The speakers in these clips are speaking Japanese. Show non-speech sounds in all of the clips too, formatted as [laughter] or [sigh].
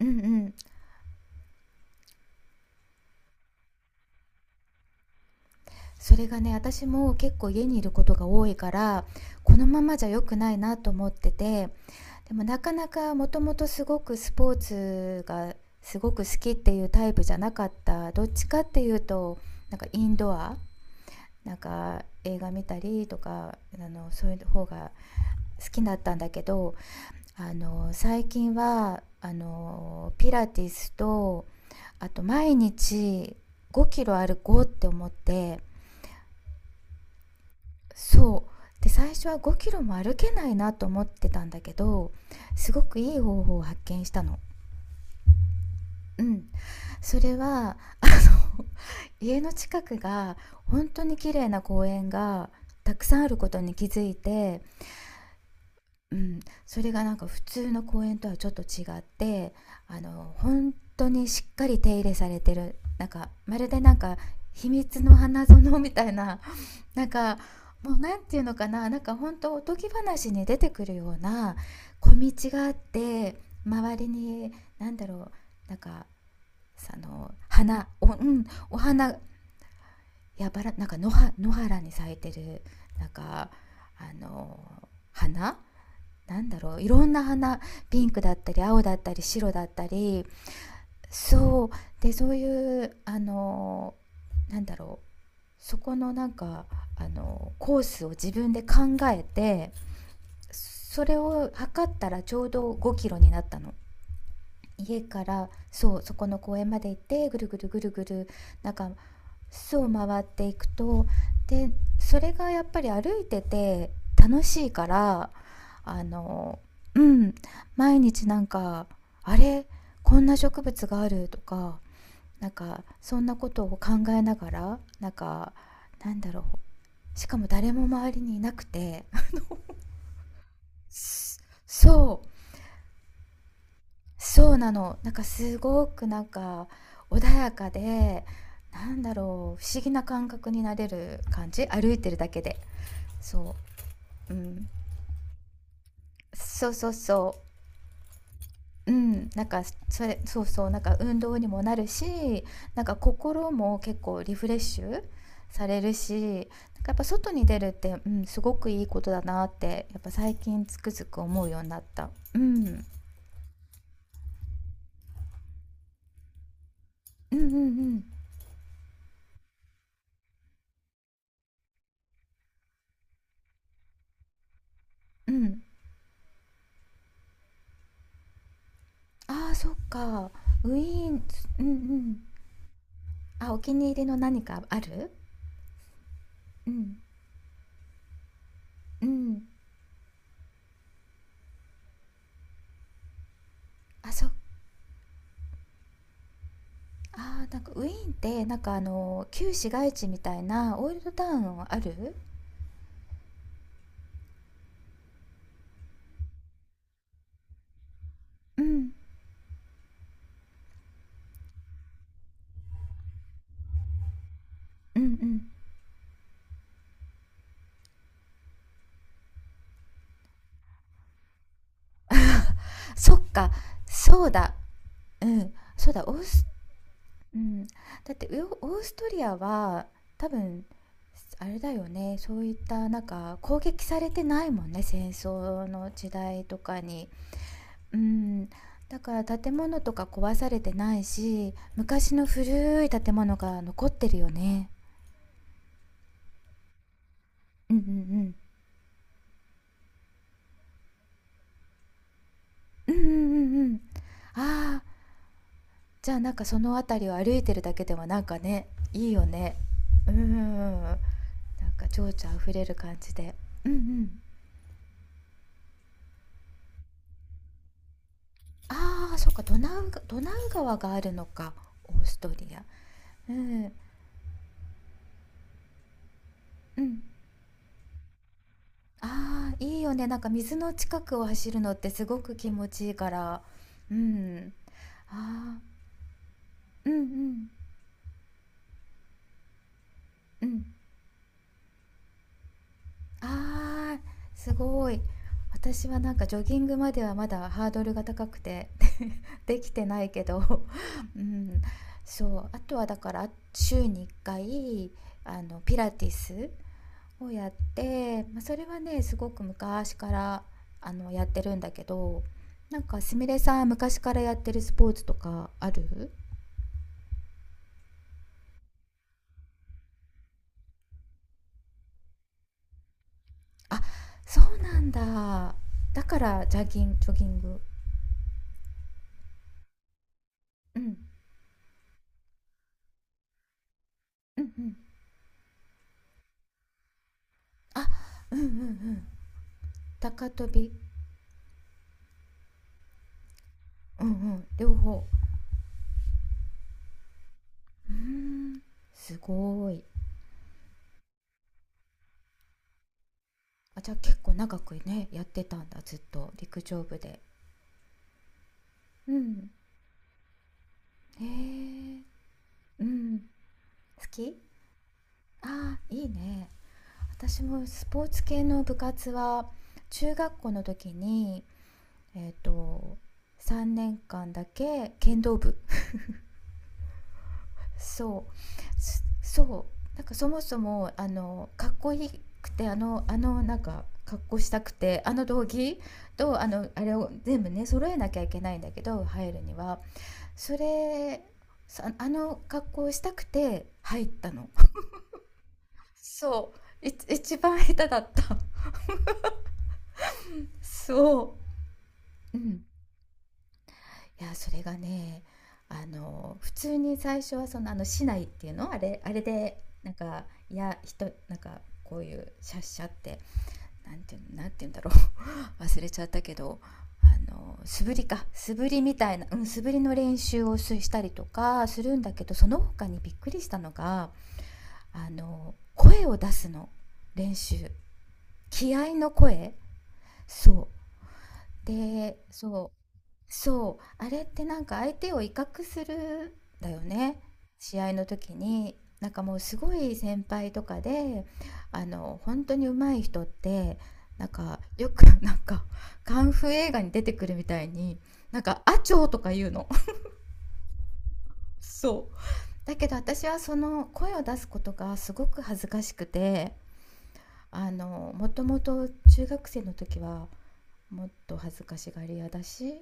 うんうん。それがね、私も結構家にいることが多いから、このままじゃ良くないなと思ってて、でもなかなかもともとすごくスポーツがすごく好きっていうタイプじゃなかった。どっちかっていうと、インドア、映画見たりとかそういう方が好きだったんだけど、最近はピラティスと、あと毎日5キロ歩こうって思って。そう。で、最初は5キロも歩けないなと思ってたんだけど、すごくいい方法を発見したの。うん、それは、の [laughs]、家の近くが本当に綺麗な公園がたくさんあることに気づいて、うん、それがなんか普通の公園とはちょっと違って、本当にしっかり手入れされてる、なんかまるでなんか秘密の花園みたいな。なんか、もうなんていうのかな、なんかほんとおとぎ話に出てくるような小道があって、周りに、なんだろう、なんか、うん、お花、やばら、なんか野原に咲いてる、なんか、あの、花なんだろう、いろんな花、ピンクだったり青だったり白だったり。そう。そういう、なんだろう、そこの、コースを自分で考えて、それを測ったらちょうど5キロになったの。家から、そう、そこの公園まで行ってぐるぐるぐるぐる、なんか巣を回っていくと、で、それがやっぱり歩いてて楽しいから、あのうん、毎日なんか、あれ、こんな植物があるとか、なんかそんなことを考えながら、なんか、なんだろう、しかも誰も周りにいなくて [laughs] そう、そうなの、なんかすごくなんか穏やかで、なんだろう、不思議な感覚になれる感じ、歩いてるだけで。そう、うん、そうそうそう、うん、なんか、それ、そうそう、なんか運動にもなるし、なんか心も結構リフレッシュされるし、なんかやっぱ外に出るって、うん、すごくいいことだなってやっぱ最近つくづく思うようになった。うんうんうんうん。うん。ああ、そっか。ウィーン、うんうん。あ、お気に入りの何かある？うん。うん。あ、そあーなんかウィーンって、なんか旧市街地みたいなオールドタウンある？うん。うんうん。そっか、そうだ。うん。そうだ、オースうん。だってウオーストリアは多分、あれだよね、そういったなんか攻撃されてないもんね、戦争の時代とかに。うん、だから建物とか壊されてないし、昔の古い建物が残ってるよね。うんうんうん。うんうんうんうん。ああ、じゃあなんかその辺りを歩いてるだけでもなんかね、いいよね。うんうんうん。なんか情緒あふれる感じで。うんうん。ああ、そっか、ドナウ川があるのか、オーストリア。うん、うん。ああ、いいよね。なんか水の近くを走るのってすごく気持ちいいから。うん。ああ、うんうん、うん。ああ、すごい。私はなんかジョギングまではまだハードルが高くて [laughs] できてないけど。うん、そう、あとはだから週に1回、ピラティスをやって、まあ、それはね、すごく昔からやってるんだけど、なんかすみれさん昔からやってるスポーツとかある？あ、そうなんだ。だからジョギング。うん。うんうん。あ、うんうんうん。高跳び、うんうん、両方。うーん、すごーい。あ、じゃあ結構長くね、やってたんだ、ずっと陸上部で。うん。へえ、うん。好き？あー、いいね。私もスポーツ系の部活は中学校の時に、えっと、3年間だけ剣道部。そうすそう、なんかそもそもかっこいいくて、なんか格好したくて、道着と、あれを全部ね揃えなきゃいけないんだけど入るには。それさ、格好をしたくて入ったの。そうい一番下手だった。そう、うん、いやそれがね、普通に最初はその、市内っていうのあれ、あれでなんか、いや、人なんかこういうシャッシャって、なんていうんだろう [laughs] 忘れちゃったけど、素振りか素振りみたいな、うん、素振りの練習をしたりとかするんだけど、その他にびっくりしたのが、声を出すの練習、気合の声。そうで、そうそう、あれってなんか相手を威嚇するんだよね。試合の時に、なんかもうすごい先輩とかで、本当に上手い人って、なんかよく [laughs] なんかカンフー映画に出てくるみたいに、なんか「アチョー」とか言うの。[laughs] そう。だけど私はその声を出すことがすごく恥ずかしくて、もともと中学生の時はもっと恥ずかしがり屋だし、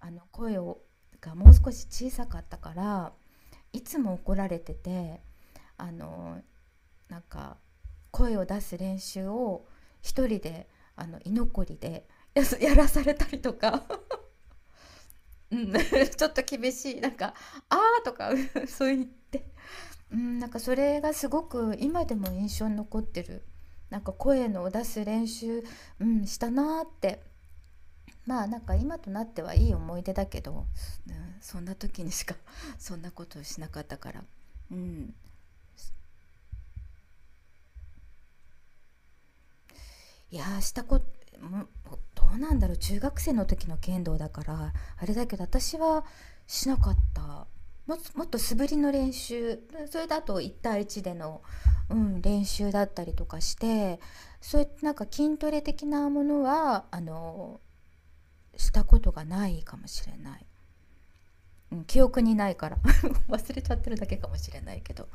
声をがもう少し小さかったから、いつも怒られてて、あのなんか声を出す練習を一人で、居残りで、や [laughs] やらされたりとか。[laughs] うん、[laughs] ちょっと厳しい、なんか「あー」とか [laughs] そう言って、うん、なんかそれがすごく今でも印象に残ってる。なんか声の出す練習、うん、したなーって。まあ、なんか今となってはいい思い出だけど、うん、そんな時にしか [laughs] そんなことをしなかったから。うん、いやー、したことどうなんだろう、中学生の時の剣道だからあれだけど、私はしなかった。もっともっと素振りの練習、それだと一対一での、うん、練習だったりとかして、そういったなんか筋トレ的なものは、したことがないかもしれない。うん、記憶にないから [laughs] 忘れちゃってるだけかもしれないけど、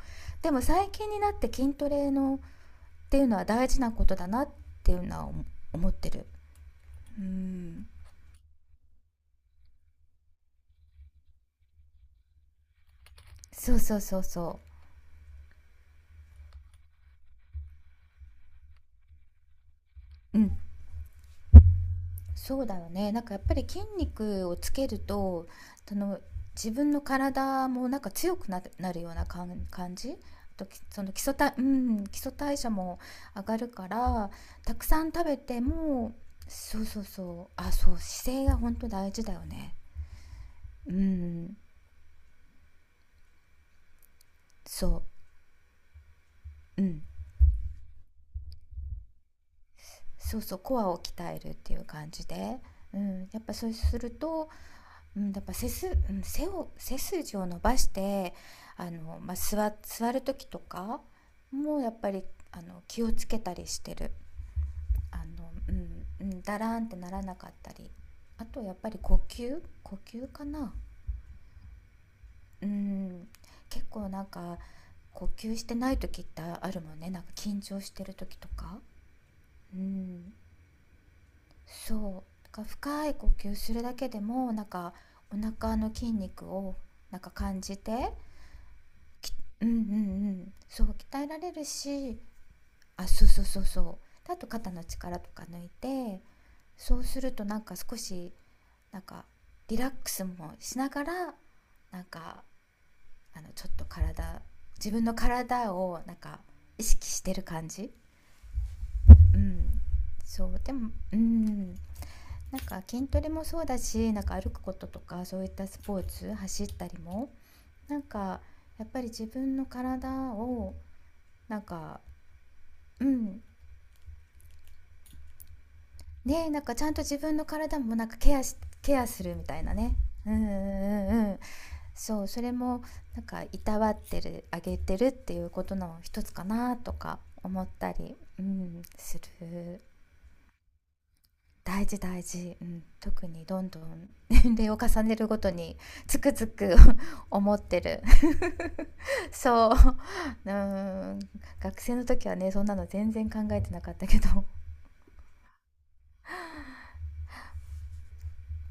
でも最近になって筋トレのっていうのは大事なことだなっていうのは思ってる。うん、そうそうそうそう、うん、そうだよね、なんかやっぱり筋肉をつけるとその自分の体もなんか強くななるような感じ、あとき、その基礎代、うん、基礎代謝も上がるから、たくさん食べても、そうそうそう、あ、そう、姿勢が本当大事だよね。うん、そう、うん、そうそうコアを鍛えるっていう感じで、うん、やっぱそうすると、うん、やっぱ背す、うん、背を背筋を伸ばして、まあ、座る時とかもやっぱり、気をつけたりしてる、うんうん、だらーんってならなかったり、あとやっぱり呼吸かな、うん、結構なんか呼吸してない時ってあるもんね、なんか緊張してる時とか。うん、そう、なんか深い呼吸するだけでも、なんかお腹の筋肉をなんか感じて、き、うんうんうん、そう、鍛えられるし、あ、そうそうそうそう。で、あと肩の力とか抜いて、そうするとなんか少し、なんかリラックスもしながら、なんか、ちょっと自分の体をなんか意識してる感じ。うん。そう、でも、うん。なんか筋トレもそうだし、なんか歩くこととかそういったスポーツ、走ったりも、なんかやっぱり自分の体を、なんか、うん、ねえ、なんかちゃんと自分の体もなんかケアするみたいなね。うんうんうんうん、そう、それもなんかいたわってるあげてるっていうことの一つかなとか思ったり、うん、する。大事大事、うん、特にどんどん年齢を重ねるごとに、つくづく [laughs] 思ってる [laughs] そう、うん、学生の時はね、そんなの全然考えてなかったけど。